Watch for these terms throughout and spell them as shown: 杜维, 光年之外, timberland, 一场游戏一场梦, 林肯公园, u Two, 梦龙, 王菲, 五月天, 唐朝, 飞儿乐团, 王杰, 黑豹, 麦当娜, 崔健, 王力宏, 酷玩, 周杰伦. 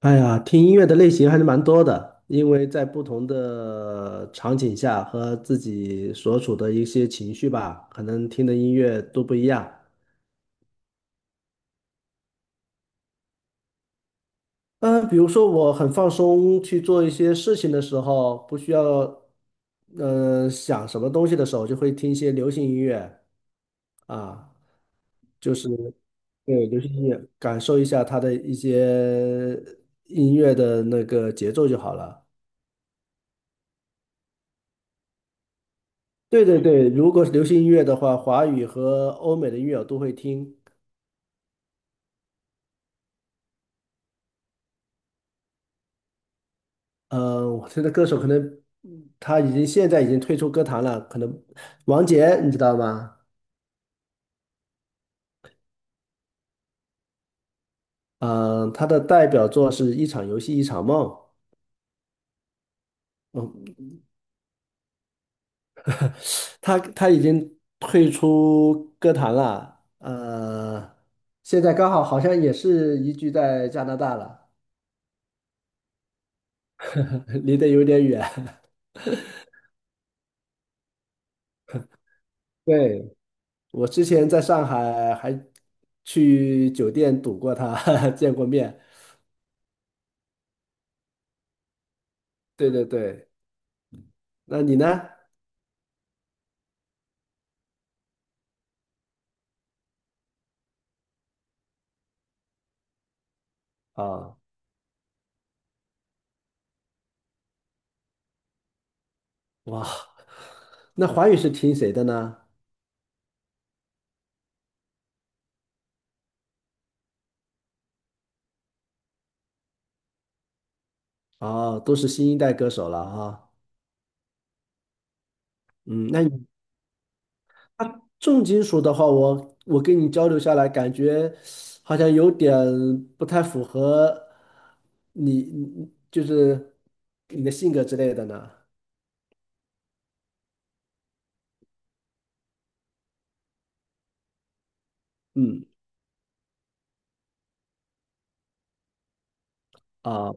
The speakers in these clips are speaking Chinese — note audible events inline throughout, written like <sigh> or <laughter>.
哎呀，听音乐的类型还是蛮多的，因为在不同的场景下和自己所处的一些情绪吧，可能听的音乐都不一样。嗯、比如说我很放松去做一些事情的时候，不需要想什么东西的时候，就会听一些流行音乐啊，就是对流行音乐，感受一下它的一些音乐的那个节奏就好了。对对对，如果是流行音乐的话，华语和欧美的音乐我都会听。我现在歌手可能他已经退出歌坛了，可能王杰你知道吗？嗯、他的代表作是《一场游戏一场梦》。嗯，他已经退出歌坛了。现在刚好好像也是移居在加拿大了，<laughs> 离得有点远。<laughs> 对，我之前在上海还去酒店堵过他，<laughs> 见过面。对对对，那你呢？啊，哇，那华语是听谁的呢？啊，都是新一代歌手了啊。嗯，那你他重金属的话，我跟你交流下来，感觉好像有点不太符合你，你就是你的性格之类的呢。嗯，啊。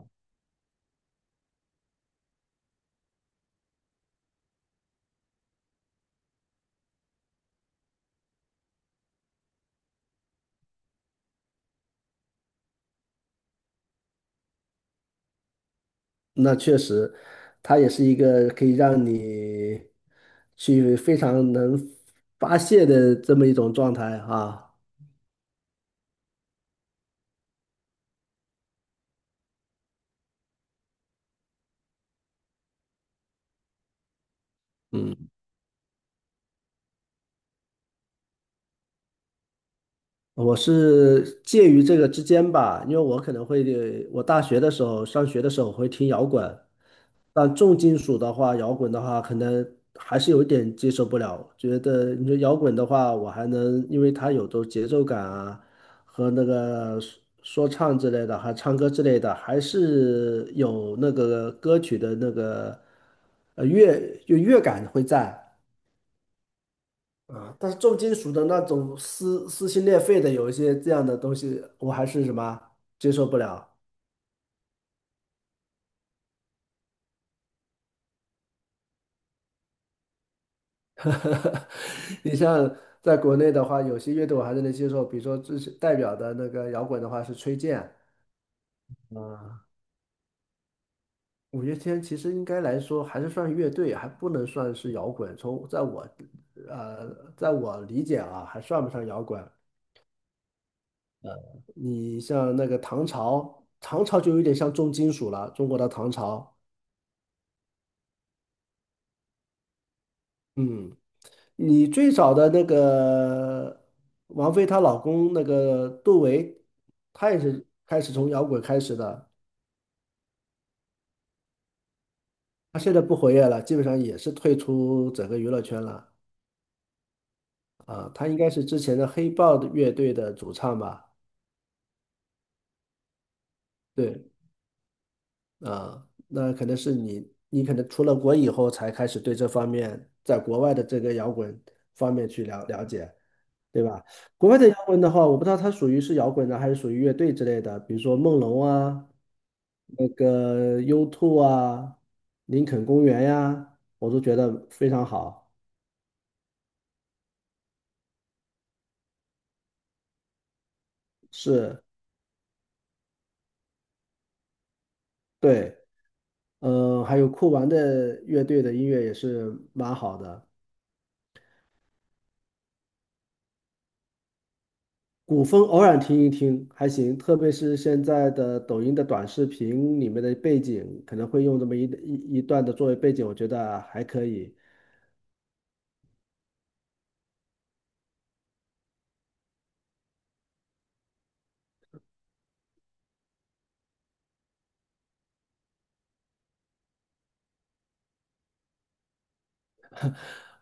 那确实，它也是一个可以让你去非常能发泄的这么一种状态啊。嗯，我是介于这个之间吧，因为我可能会，我大学的时候上学的时候我会听摇滚，但重金属的话，摇滚的话，可能还是有一点接受不了。觉得你说摇滚的话，我还能，因为它有都节奏感啊，和那个说唱之类的，还唱歌之类的，还是有那个歌曲的那个乐就乐感会在。啊，但是重金属的那种撕心裂肺的，有一些这样的东西，我还是什么接受不了。<laughs> 你像在国内的话，有些乐队我还是能接受，比如说最代表的那个摇滚的话是崔健，啊、五月天其实应该来说还是算乐队，还不能算是摇滚。从在我呃，在我理解啊，还算不上摇滚。你像那个唐朝，唐朝就有点像重金属了，中国的唐朝。嗯，你最早的那个王菲她老公那个杜维，他也是开始从摇滚开始的。他现在不活跃了，基本上也是退出整个娱乐圈了啊。他应该是之前的黑豹的乐队的主唱吧？对啊，那可能是你，你可能出了国以后才开始对这方面，在国外的这个摇滚方面去了了解，对吧？国外的摇滚的话，我不知道它属于是摇滚呢，还是属于乐队之类的，比如说梦龙啊，那个 u Two 啊，林肯公园呀、我都觉得非常好。是，对。还有酷玩的乐队的音乐也是蛮好的，古风偶尔听一听还行，特别是现在的抖音的短视频里面的背景，可能会用这么一段的作为背景，我觉得还可以。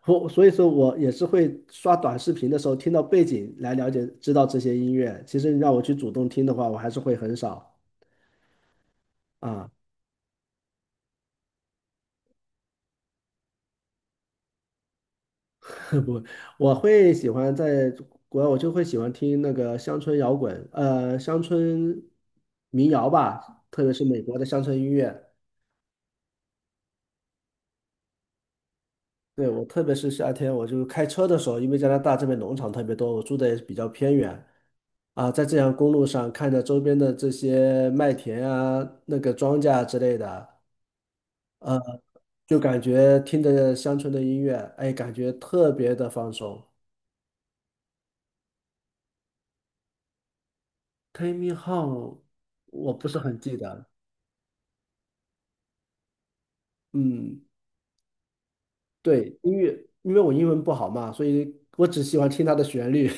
我所以说我也是会刷短视频的时候听到背景来了解知道这些音乐，其实你让我去主动听的话，我还是会很少啊。<laughs> 不，我会喜欢在国外，我就会喜欢听那个乡村摇滚，乡村民谣吧，特别是美国的乡村音乐。对，我特别是夏天，我就开车的时候，因为加拿大这边农场特别多，我住的也比较偏远啊，在这条公路上看着周边的这些麦田啊、那个庄稼啊之类的，呃，就感觉听着乡村的音乐，哎，感觉特别的放松。Take me home,我不是很记得，嗯。对，音乐，因为我英文不好嘛，所以我只喜欢听它的旋律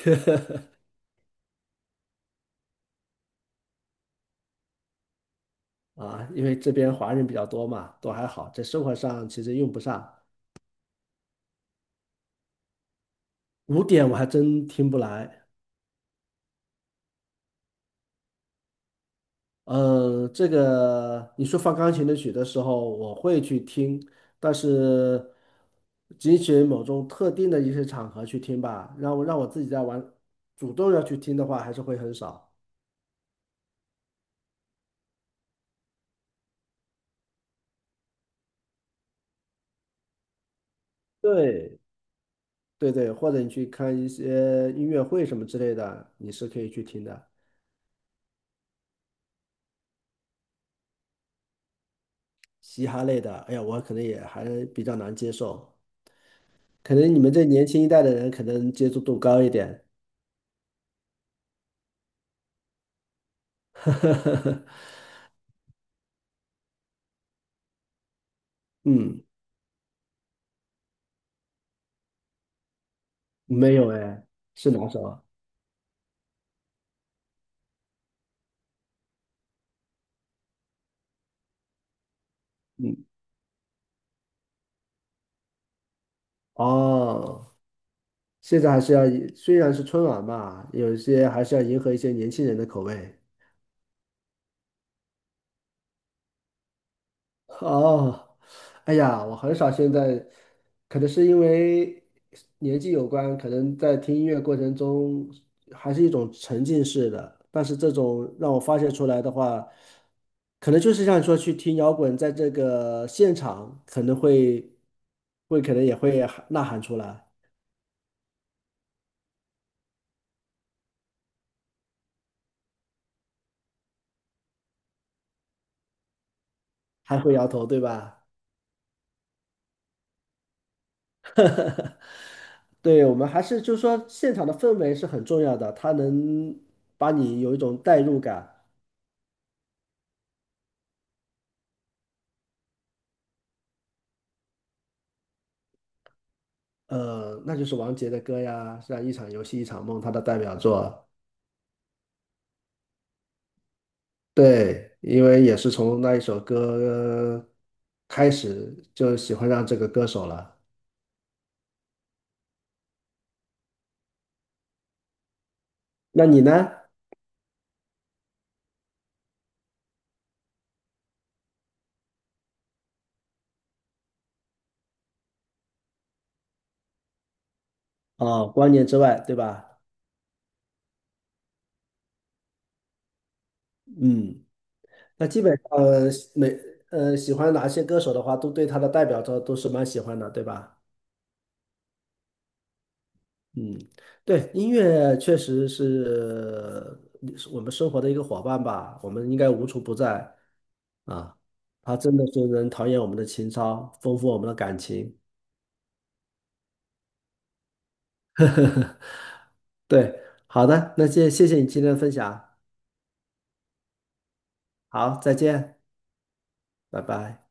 <laughs> 啊，因为这边华人比较多嘛，都还好，在生活上其实用不上。古典我还真听不来，这个你说放钢琴的曲的时候，我会去听，但是仅仅某种特定的一些场合去听吧，让我自己在玩，主动要去听的话，还是会很少。对，对对，或者你去看一些音乐会什么之类的，你是可以去听的。嘻哈类的，哎呀，我可能也还比较难接受。可能你们这年轻一代的人可能接触度高一点。<laughs> 嗯，没有哎，是哪首啊？嗯，哦，现在还是要以，虽然是春晚嘛，有一些还是要迎合一些年轻人的口味。哦，哎呀，我很少现在，可能是因为年纪有关，可能在听音乐过程中还是一种沉浸式的，但是这种让我发泄出来的话，可能就是像你说去听摇滚，在这个现场可能也会喊呐喊出来，还会摇头，对吧？对，我们还是就是说现场的氛围是很重要的，它能把你有一种代入感。那就是王杰的歌呀，像《一场游戏一场梦》，他的代表作。对，因为也是从那一首歌开始就喜欢上这个歌手了。那你呢？哦，光年之外，对吧？嗯，那基本上呃每呃喜欢哪些歌手的话，都对他的代表作都是蛮喜欢的，对吧？嗯，对，音乐确实是我们生活的一个伙伴吧，我们应该无处不在。啊，他真的是能陶冶我们的情操，丰富我们的感情。<laughs> 呵呵呵，对，好的，那谢谢你今天的分享，好，再见，拜拜。